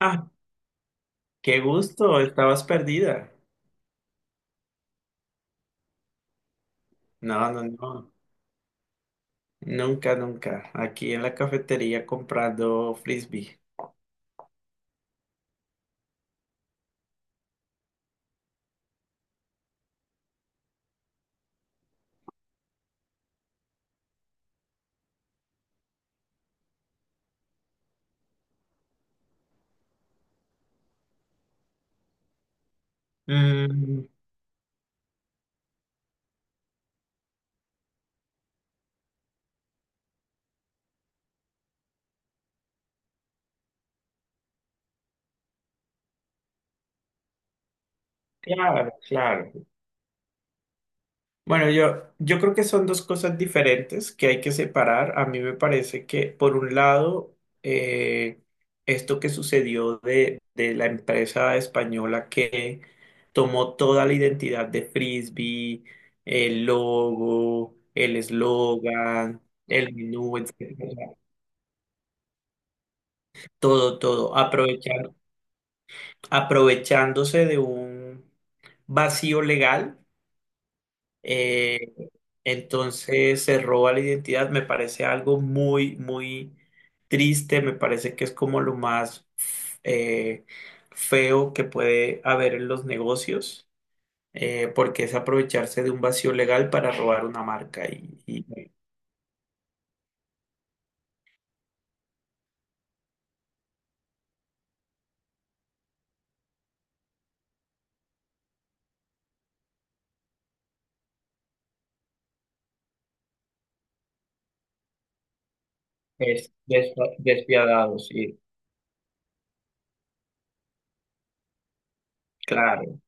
Ah, qué gusto, estabas perdida. No, no, no, nunca, nunca. Aquí en la cafetería comprando frisbee. Mm, claro, claro. Bueno, yo creo que son dos cosas diferentes que hay que separar. A mí me parece que, por un lado, eh, esto que sucedió de la empresa española que tomó toda la identidad de frisbee, el logo, el eslogan, el menú, etc. Todo, todo, aprovechándose de un vacío legal. eh, entonces se roba la identidad. Me parece algo muy, muy triste. Me parece que es como lo más eh, feo que puede haber en los negocios, porque es aprovecharse de un vacío legal para robar una marca, y es despiadado. Sí, claro,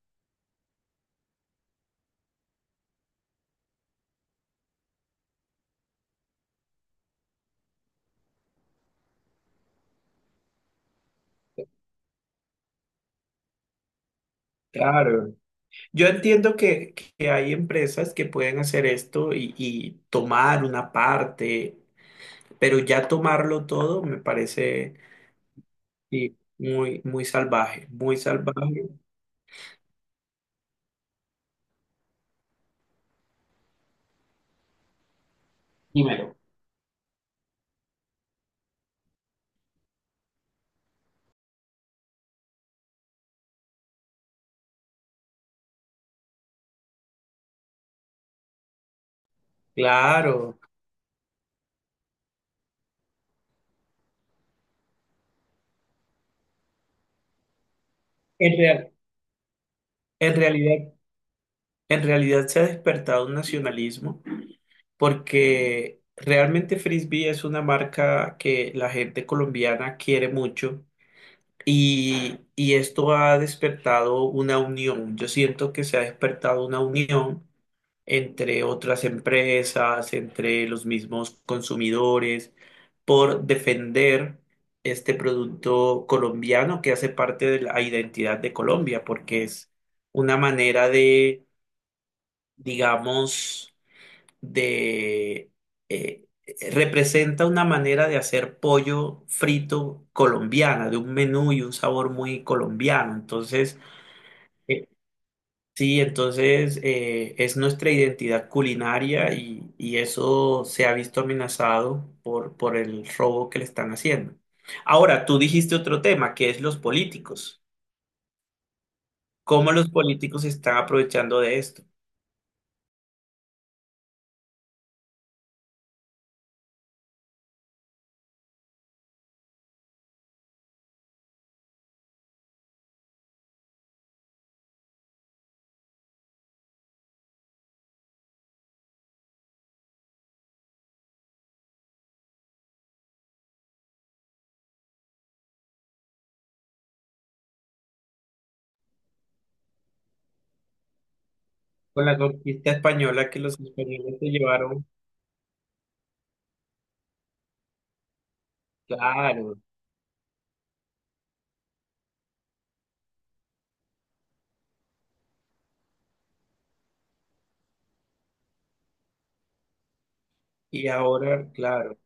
claro. Yo entiendo que hay empresas que pueden hacer esto y tomar una parte, pero ya tomarlo todo me parece, sí, muy, muy salvaje, muy salvaje. Dímelo. Claro, en real- en realidad, en realidad se ha despertado un nacionalismo, porque realmente Frisbee es una marca que la gente colombiana quiere mucho, y esto ha despertado una unión. Yo siento que se ha despertado una unión entre otras empresas, entre los mismos consumidores, por defender este producto colombiano que hace parte de la identidad de Colombia, porque es una manera de, digamos, de... eh, representa una manera de hacer pollo frito colombiana, de un menú y un sabor muy colombiano. Entonces, eh, sí, entonces es nuestra identidad culinaria, y eso se ha visto amenazado por el robo que le están haciendo. Ahora, tú dijiste otro tema, que es los políticos. ¿Cómo los políticos se están aprovechando de esto? Con la conquista española que los españoles se llevaron, claro, y ahora, claro.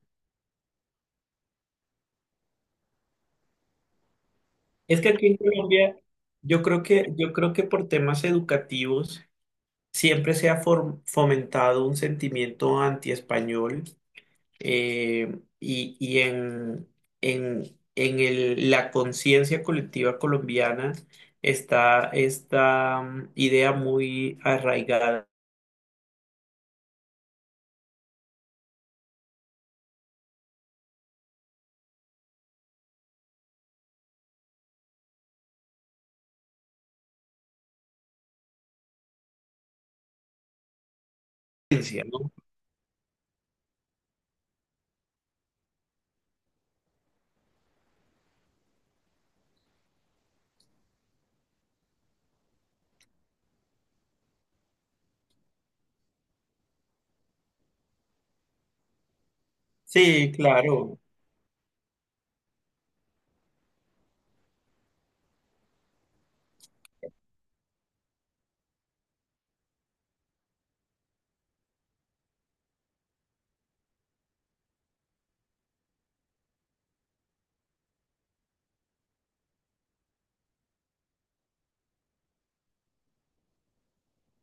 Es que aquí en Colombia, yo creo que por temas educativos siempre se ha fomentado un sentimiento antiespañol. Y en la conciencia colectiva colombiana está esta idea muy arraigada, ¿no? Sí, claro.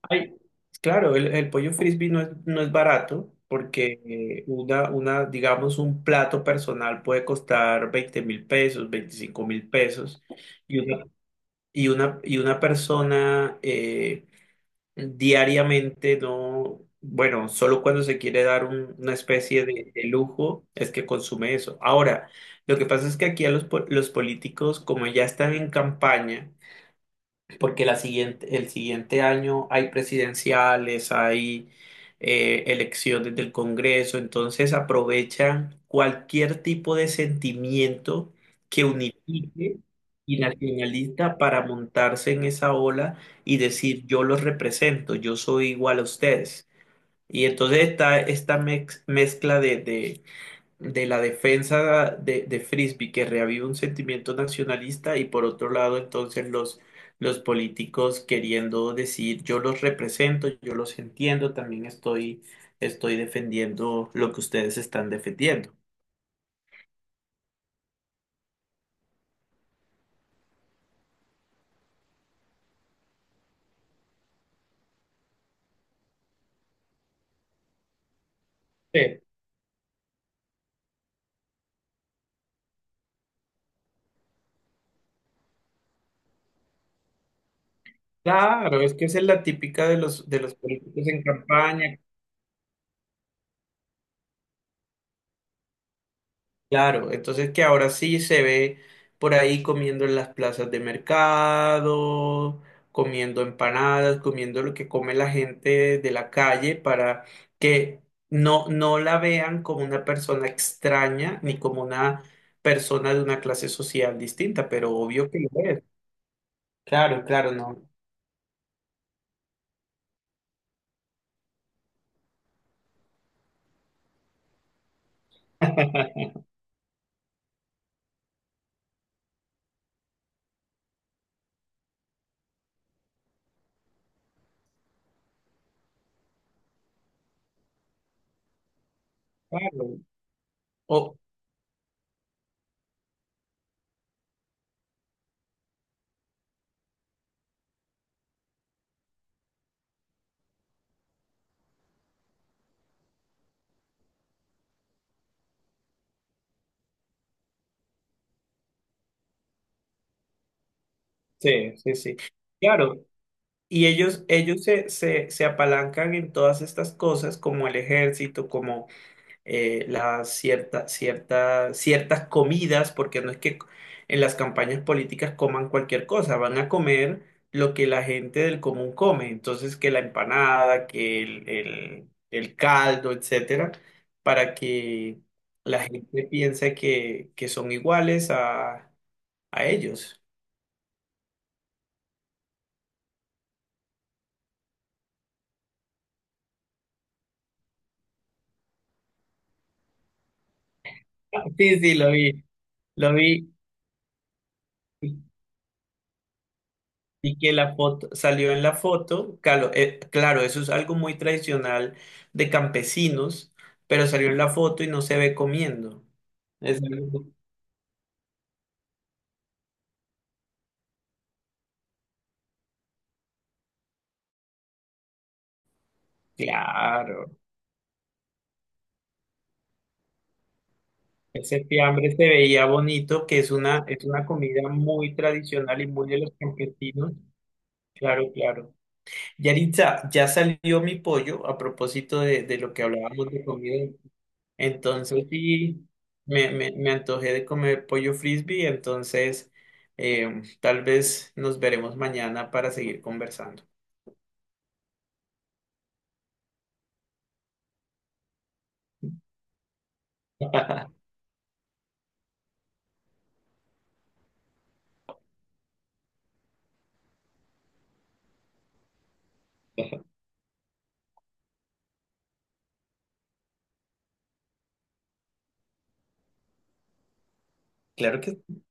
Ay, claro, el pollo frisbee no es barato, porque digamos, un plato personal puede costar 20.000 pesos, 25.000 pesos. y una, y una persona... Diariamente no, bueno, solo cuando se quiere dar una especie de lujo es que consume eso. Ahora, lo que pasa es que aquí a los políticos, como ya están en campaña, porque el siguiente año hay presidenciales, hay elecciones del Congreso. Entonces aprovechan cualquier tipo de sentimiento que unifique y nacionalista para montarse en esa ola y decir: yo los represento, yo soy igual a ustedes. Y entonces está esta mezcla de la defensa de Frisbee, que reaviva un sentimiento nacionalista, y por otro lado entonces los políticos queriendo decir: yo los represento, yo los entiendo, también estoy defendiendo lo que ustedes están defendiendo. Sí. Claro, es que esa es la típica de los políticos en campaña. Claro, entonces que ahora sí se ve por ahí comiendo en las plazas de mercado, comiendo empanadas, comiendo lo que come la gente de la calle, para que no, no la vean como una persona extraña ni como una persona de una clase social distinta, pero obvio que lo es. Claro, claro, no. Claro. O- sí, sí, sí. Claro. Y ellos se apalancan en todas estas cosas, como el ejército, las ciertas comidas, porque no es que en las campañas políticas coman cualquier cosa, van a comer lo que la gente del común come, entonces que la empanada, que el caldo, etcétera, para que la gente piense que son iguales a ellos. Sí, sí, lo vi, lo vi. Y que la foto salió en la foto, claro, eso es algo muy tradicional de campesinos, pero salió en la foto y no se ve comiendo. Es algo- claro, ese fiambre se veía bonito, que es una comida muy tradicional y muy de los campesinos. Claro, claro. Yaritza, ya salió mi pollo a propósito de lo que hablábamos de comida. Entonces sí, me antojé de comer pollo frisbee, entonces tal vez nos veremos mañana para seguir conversando. Claro que sí.